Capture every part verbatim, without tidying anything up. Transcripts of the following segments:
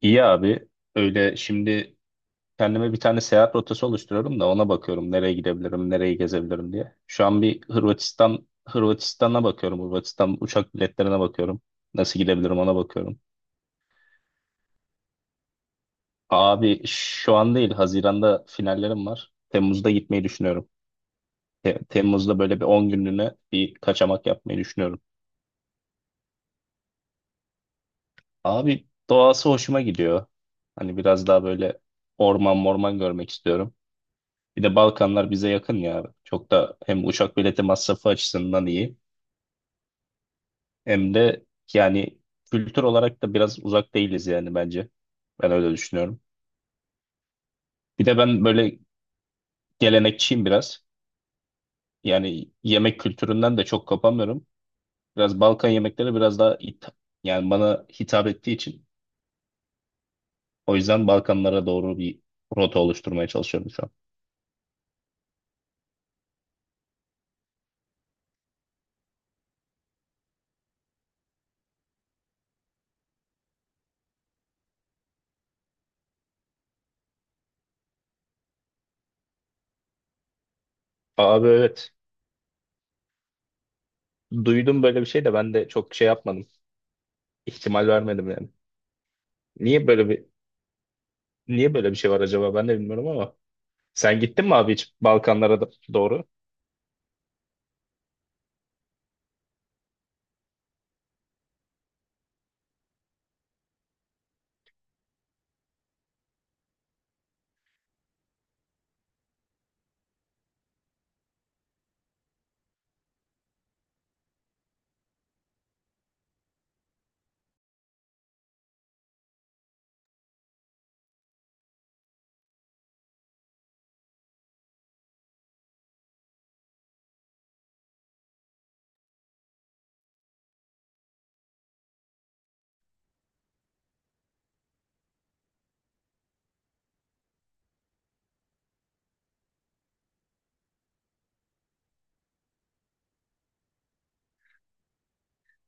İyi abi. Öyle şimdi kendime bir tane seyahat rotası oluşturuyorum da ona bakıyorum nereye gidebilirim, nereyi gezebilirim diye. Şu an bir Hırvatistan Hırvatistan'a bakıyorum. Hırvatistan uçak biletlerine bakıyorum. Nasıl gidebilirim ona bakıyorum. Abi şu an değil, Haziran'da finallerim var. Temmuz'da gitmeyi düşünüyorum. Te- Temmuz'da böyle bir on günlüğüne bir kaçamak yapmayı düşünüyorum. Abi doğası hoşuma gidiyor. Hani biraz daha böyle orman morman görmek istiyorum. Bir de Balkanlar bize yakın ya. Çok da hem uçak bileti masrafı açısından iyi hem de yani kültür olarak da biraz uzak değiliz yani bence. Ben öyle düşünüyorum. Bir de ben böyle gelenekçiyim biraz. Yani yemek kültüründen de çok kopamıyorum. Biraz Balkan yemekleri biraz daha hit- yani bana hitap ettiği için. O yüzden Balkanlara doğru bir rota oluşturmaya çalışıyorum şu an. Abi evet. Duydum böyle bir şey de ben de çok şey yapmadım. İhtimal vermedim yani. Niye böyle bir Niye böyle bir şey var acaba ben de bilmiyorum ama. Sen gittin mi abi hiç Balkanlara da- doğru?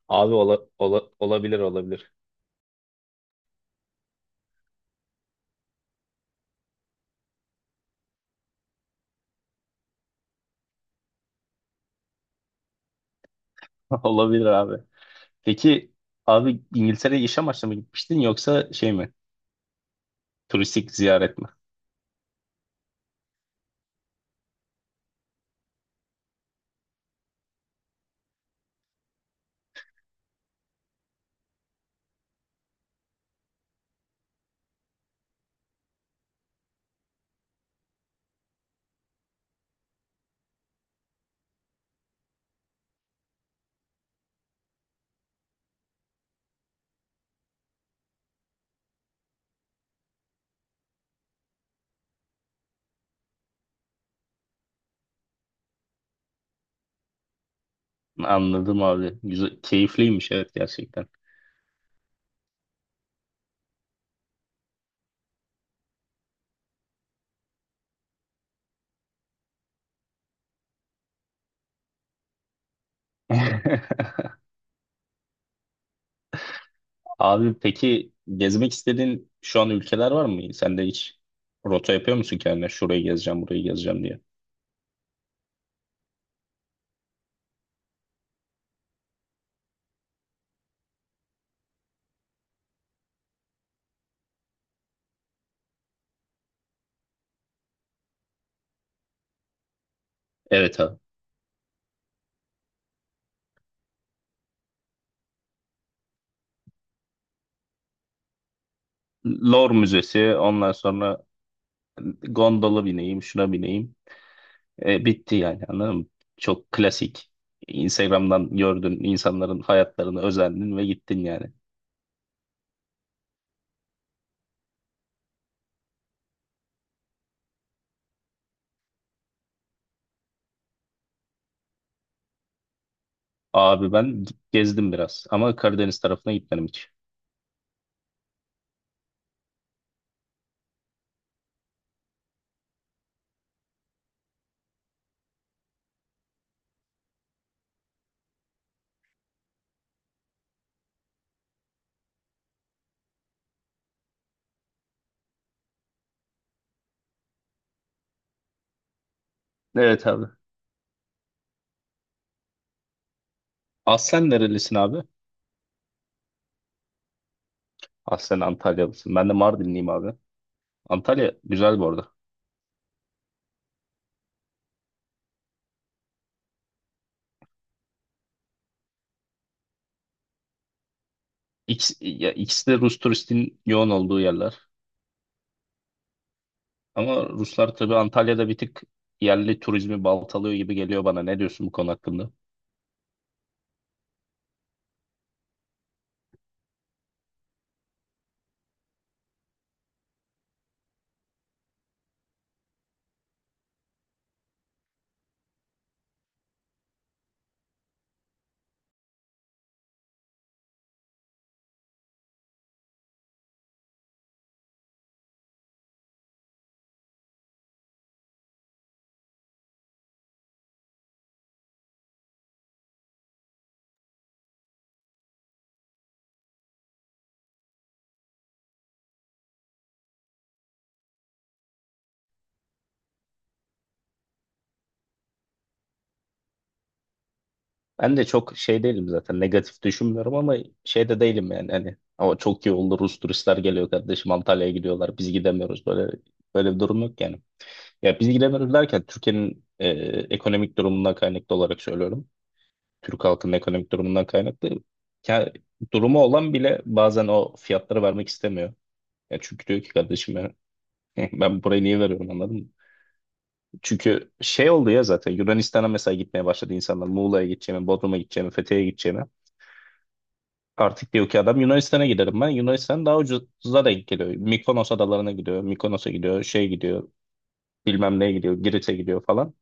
Abi ola, ola- olabilir olabilir. Olabilir abi. Peki abi İngiltere'ye iş amaçlı mı gitmiştin yoksa şey mi? Turistik ziyaret mi? Anladım abi. Güzel, keyifliymiş evet gerçekten. Abi peki gezmek istediğin şu an ülkeler var mı? Sen de hiç rota yapıyor musun kendine? Şurayı gezeceğim, burayı gezeceğim diye. Evet abi. Louvre Müzesi, ondan sonra gondola bineyim, şuna bineyim. E, bitti yani anladın mı? Çok klasik. Instagram'dan gördün insanların hayatlarını özendin ve gittin yani. Abi ben gezdim biraz ama Karadeniz tarafına gitmedim hiç. Evet abi. Aslen nerelisin abi? Aslen Antalyalısın. Ben de Mardinliyim abi. Antalya güzel bu arada. İkisi, ya, ikisi de Rus turistin yoğun olduğu yerler. Ama Ruslar tabii Antalya'da bir tık yerli turizmi baltalıyor gibi geliyor bana. Ne diyorsun bu konu hakkında? Ben de çok şey değilim zaten negatif düşünmüyorum ama şey de değilim yani hani ama çok iyi oldu Rus turistler geliyor kardeşim Antalya'ya gidiyorlar biz gidemiyoruz böyle böyle bir durum yok yani. Ya biz gidemiyoruz derken Türkiye'nin e, ekonomik durumundan kaynaklı olarak söylüyorum. Türk halkının ekonomik durumundan kaynaklı. Ya, durumu olan bile bazen o fiyatları vermek istemiyor. Ya çünkü diyor ki kardeşim ya, ben burayı niye veriyorum anladın mı? Çünkü şey oldu ya zaten Yunanistan'a mesela gitmeye başladı insanlar. Muğla'ya gideceğimi, Bodrum'a gideceğimi, Fethiye'ye gideceğimi. Artık diyor ki adam Yunanistan'a giderim ben. Yunanistan daha ucuza denk geliyor. Mikonos adalarına gidiyor. Mikonos'a gidiyor. Şey gidiyor. Bilmem neye gidiyor. Girit'e gidiyor falan.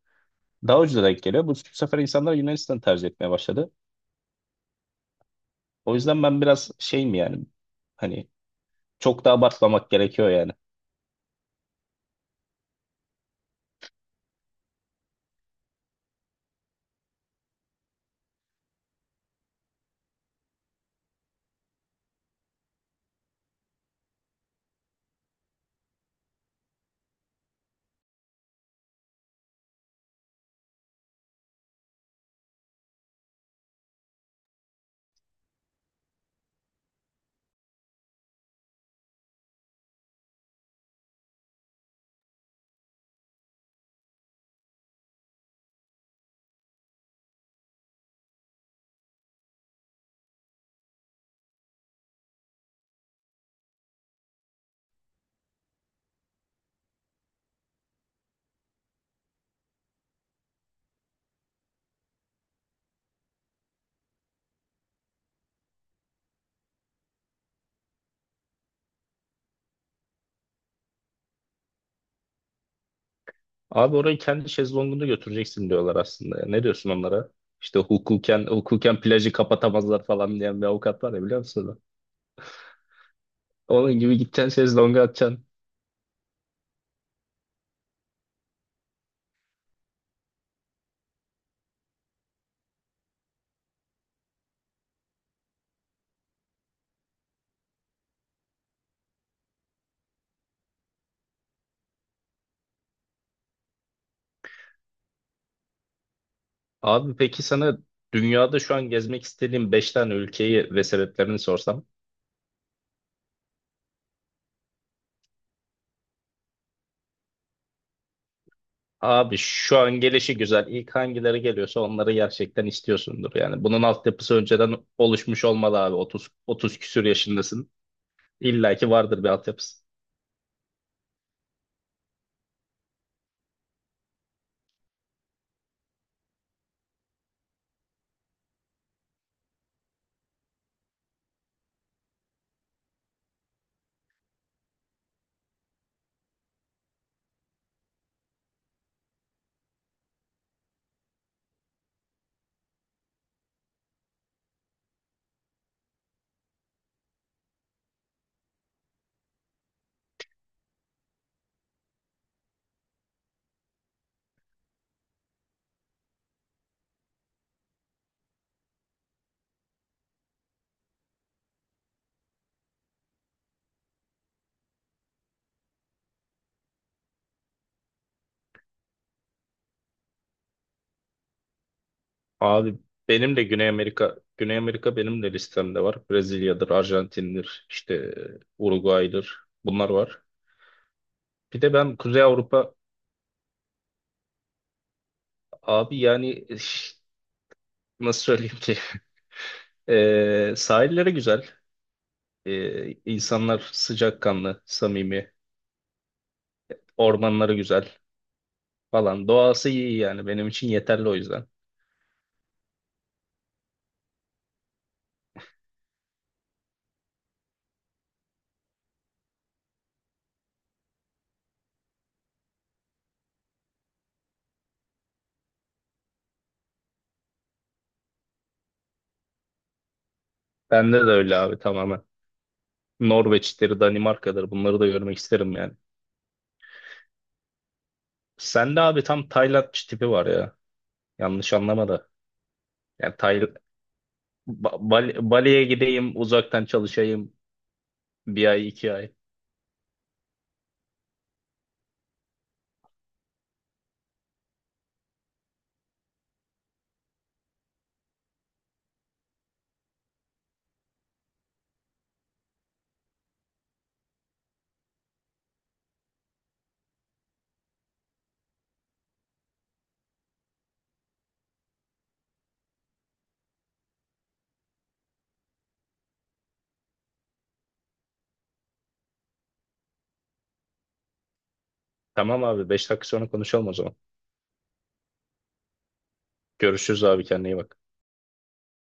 Daha ucuza denk geliyor. Bu sefer insanlar Yunanistan'ı tercih etmeye başladı. O yüzden ben biraz şeyim yani. Hani çok da abartmamak gerekiyor yani. Abi orayı kendi şezlongunda götüreceksin diyorlar aslında. Ne diyorsun onlara? İşte hukuken, hukuken plajı kapatamazlar falan diyen bir avukat var ya biliyor musun onu? Onun gibi gideceksin şezlonga atacaksın. Abi peki sana dünyada şu an gezmek istediğin beş tane ülkeyi ve sebeplerini sorsam. Abi şu an gelişi güzel. İlk hangileri geliyorsa onları gerçekten istiyorsundur. Yani bunun altyapısı önceden oluşmuş olmalı abi. 30, 30 küsür yaşındasın. İlla ki vardır bir altyapısı. Abi benim de Güney Amerika, Güney Amerika benim de listemde var. Brezilya'dır, Arjantin'dir, işte Uruguay'dır. Bunlar var. Bir de ben Kuzey Avrupa abi yani iş- nasıl söyleyeyim ki? Ee, sahilleri güzel. Ee, insanlar sıcakkanlı, samimi, ormanları güzel falan. Doğası iyi yani benim için yeterli o yüzden. Bende de öyle abi tamamen. Norveç'tir, Danimarka'dır bunları da görmek isterim yani. Sende abi tam Tayland tipi var ya. Yanlış anlama da. Yani Tay Ba- Bali- Bali'ye gideyim, uzaktan çalışayım, bir ay, iki ay. Tamam abi. Beş dakika sonra konuşalım o zaman. Görüşürüz abi. Kendine iyi bak.